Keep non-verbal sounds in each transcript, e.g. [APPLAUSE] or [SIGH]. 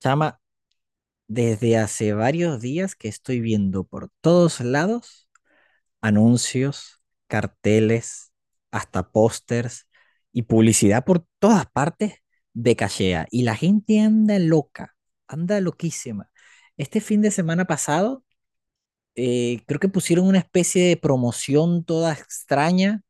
Chama, desde hace varios días que estoy viendo por todos lados anuncios, carteles, hasta pósters y publicidad por todas partes de Cachea. Y la gente anda loca, anda loquísima. Este fin de semana pasado, creo que pusieron una especie de promoción toda extraña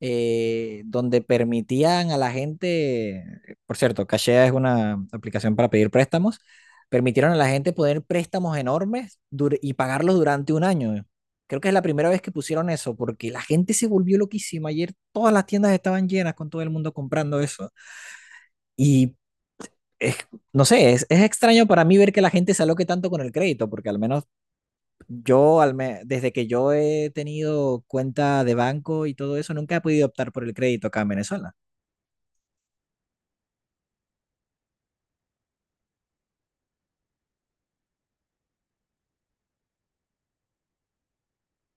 donde permitían a la gente, por cierto, Cashea es una aplicación para pedir préstamos, permitieron a la gente poner préstamos enormes y pagarlos durante un año. Creo que es la primera vez que pusieron eso, porque la gente se volvió loquísima. Ayer todas las tiendas estaban llenas con todo el mundo comprando eso. Y es- no sé, es extraño para mí ver que la gente se aloque tanto con el crédito, porque al menos yo, desde que yo he tenido cuenta de banco y todo eso, nunca he podido optar por el crédito acá en Venezuela.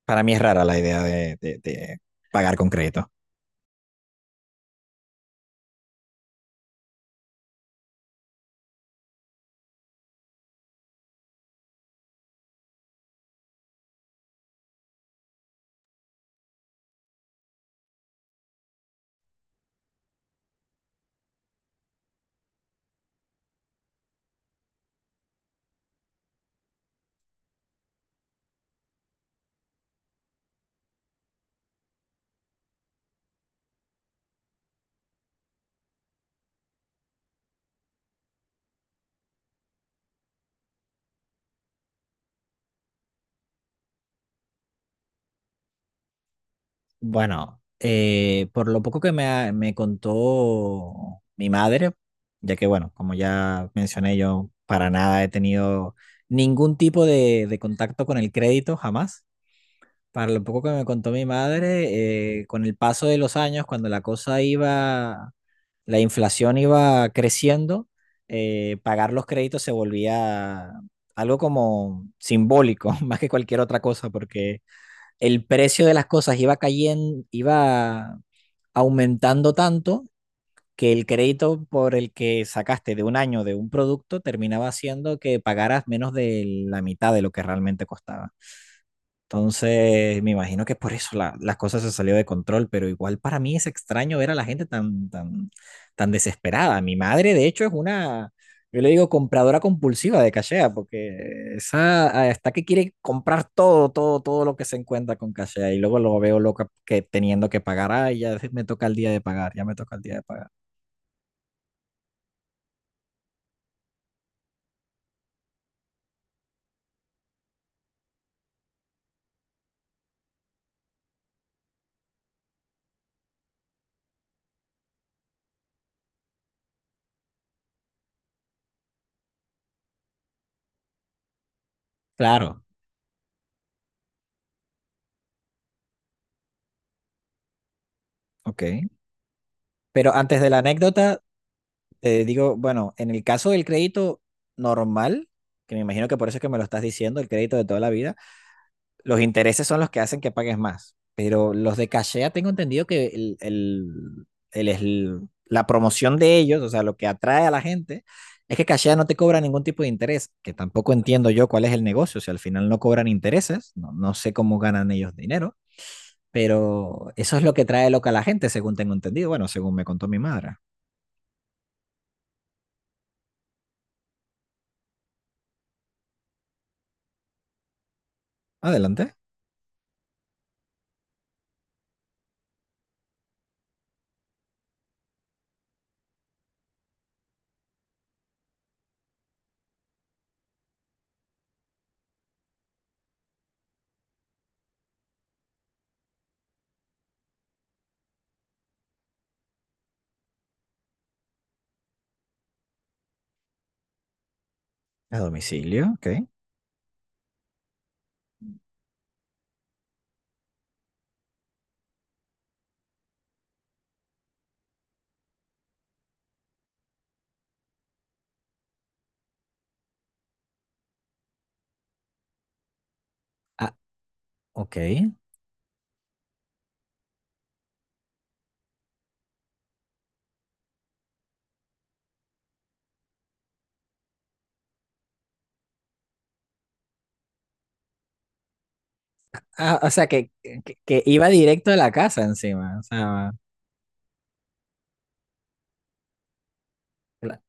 Para mí es rara la idea de pagar con crédito. Bueno, por lo poco que me contó mi madre, ya que, bueno, como ya mencioné, yo para nada he tenido ningún tipo de contacto con el crédito, jamás. Para lo poco que me contó mi madre, con el paso de los años, cuando la cosa iba la inflación iba creciendo, pagar los créditos se volvía algo como simbólico, [LAUGHS] más que cualquier otra cosa, porque el precio de las cosas iba cayendo, iba aumentando tanto que el crédito por el que sacaste de un año de un producto terminaba haciendo que pagaras menos de la mitad de lo que realmente costaba. Entonces, me imagino que por eso las cosas se salió de control, pero igual para mí es extraño ver a la gente tan, tan, tan desesperada. Mi madre, de hecho, es una, yo le digo, compradora compulsiva de cachea, porque esa ah, está que quiere comprar todo, todo, todo lo que se encuentra con cachea, y luego lo veo loca que teniendo que pagar, ay, ya me toca el día de pagar, ya me toca el día de pagar. Claro, ok. Pero antes de la anécdota, te digo, bueno, en el caso del crédito normal, que me imagino que por eso es que me lo estás diciendo, el crédito de toda la vida, los intereses son los que hacen que pagues más. Pero los de cachea tengo entendido que la promoción de ellos, o sea, lo que atrae a la gente, es que cachea no te cobra ningún tipo de interés, que tampoco entiendo yo cuál es el negocio, si al final no cobran intereses, no, no sé cómo ganan ellos dinero, pero eso es lo que trae loca a la gente, según tengo entendido, bueno, según me contó mi madre. Adelante. A domicilio, ok. Ah, ok. Ah, o sea, que iba directo a la casa encima, o sea, la-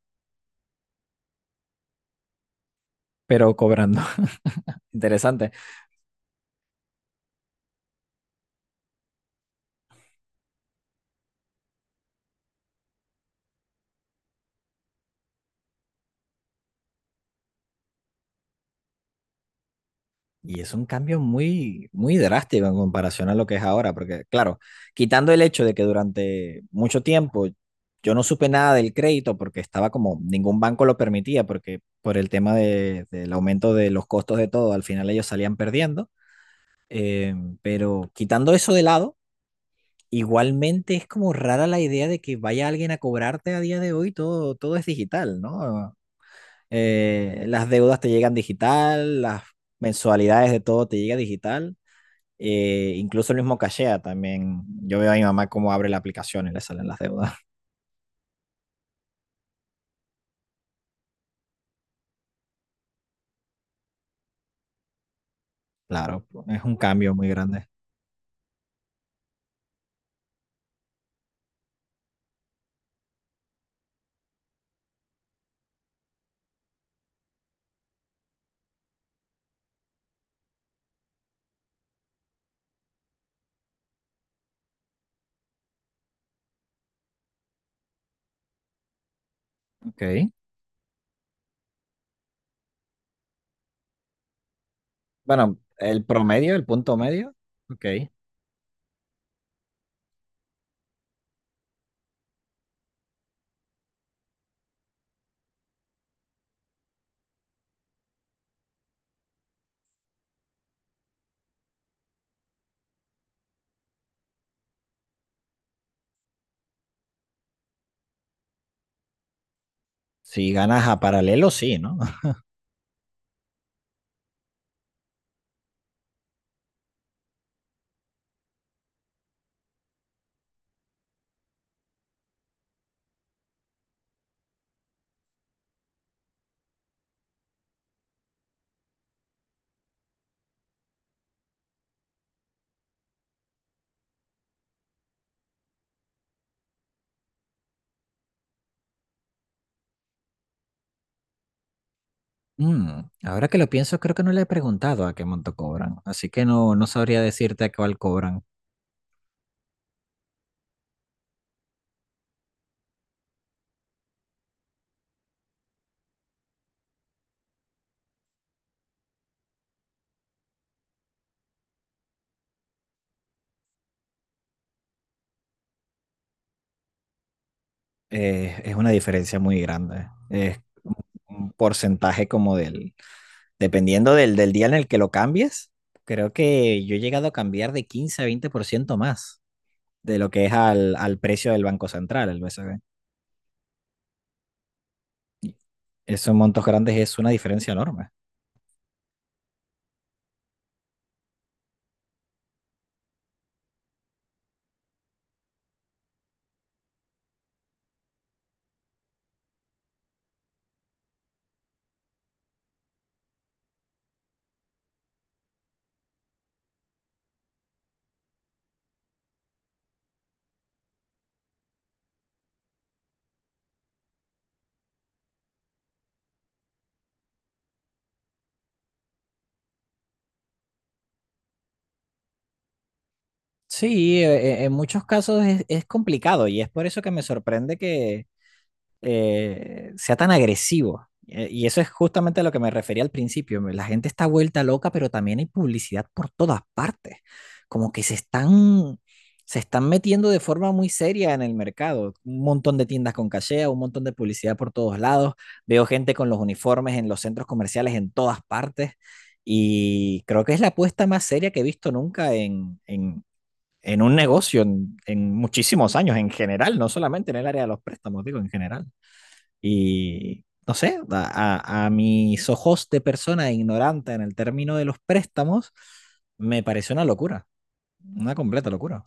pero cobrando. [LAUGHS] Interesante. Y es un cambio muy, muy drástico en comparación a lo que es ahora, porque claro, quitando el hecho de que durante mucho tiempo yo no supe nada del crédito porque estaba como, ningún banco lo permitía, porque por el tema del aumento de los costos de todo, al final ellos salían perdiendo. Eh, pero quitando eso de lado, igualmente es como rara la idea de que vaya alguien a cobrarte a día de hoy, todo, todo es digital, ¿no? Las deudas te llegan digital, las mensualidades de todo te llega digital, incluso el mismo cachea también. Yo veo a mi mamá cómo abre la aplicación y le salen las deudas. [LAUGHS] Claro, es un cambio muy grande. Ok. Bueno, el promedio, el punto medio, ok. Si ganas a paralelo, sí, ¿no? Ahora que lo pienso, creo que no le he preguntado a qué monto cobran, así que no, no sabría decirte a cuál cobran. Es una diferencia muy grande. Es un porcentaje como dependiendo del día en el que lo cambies, creo que yo he llegado a cambiar de 15 a 20% más de lo que es al, al precio del Banco Central, el BCB. Y esos montos grandes es una diferencia enorme. Sí, en muchos casos es complicado y es por eso que me sorprende que sea tan agresivo. Y eso es justamente a lo que me refería al principio. La gente está vuelta loca, pero también hay publicidad por todas partes. Como que se están metiendo de forma muy seria en el mercado. Un montón de tiendas con cachea, un montón de publicidad por todos lados. Veo gente con los uniformes en los centros comerciales en todas partes. Y creo que es la apuesta más seria que he visto nunca en, en un negocio en muchísimos años, en general, no solamente en el área de los préstamos, digo, en general. Y no sé, a mis ojos de persona ignorante en el término de los préstamos, me pareció una locura, una completa locura.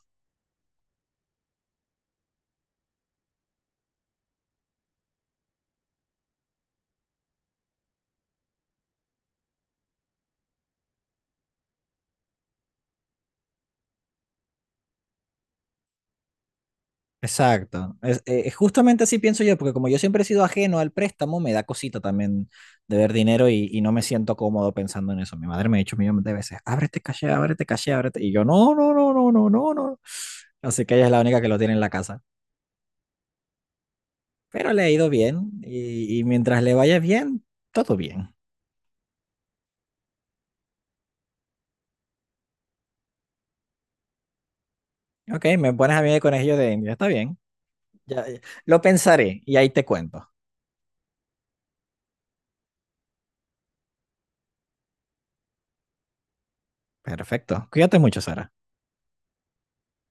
Exacto. Es, justamente así pienso yo, porque como yo siempre he sido ajeno al préstamo, me da cosita también de ver dinero y no me siento cómodo pensando en eso. Mi madre me ha dicho millones de veces, ábrete caché, ábrete caché, ábrete. Y yo, no, no, no, no, no, no, no. Así que ella es la única que lo tiene en la casa. Pero le ha ido bien y mientras le vaya bien, todo bien. Ok, me pones a mí de conejillo de India. Está bien. Ya, ya. Lo pensaré y ahí te cuento. Perfecto. Cuídate mucho, Sara.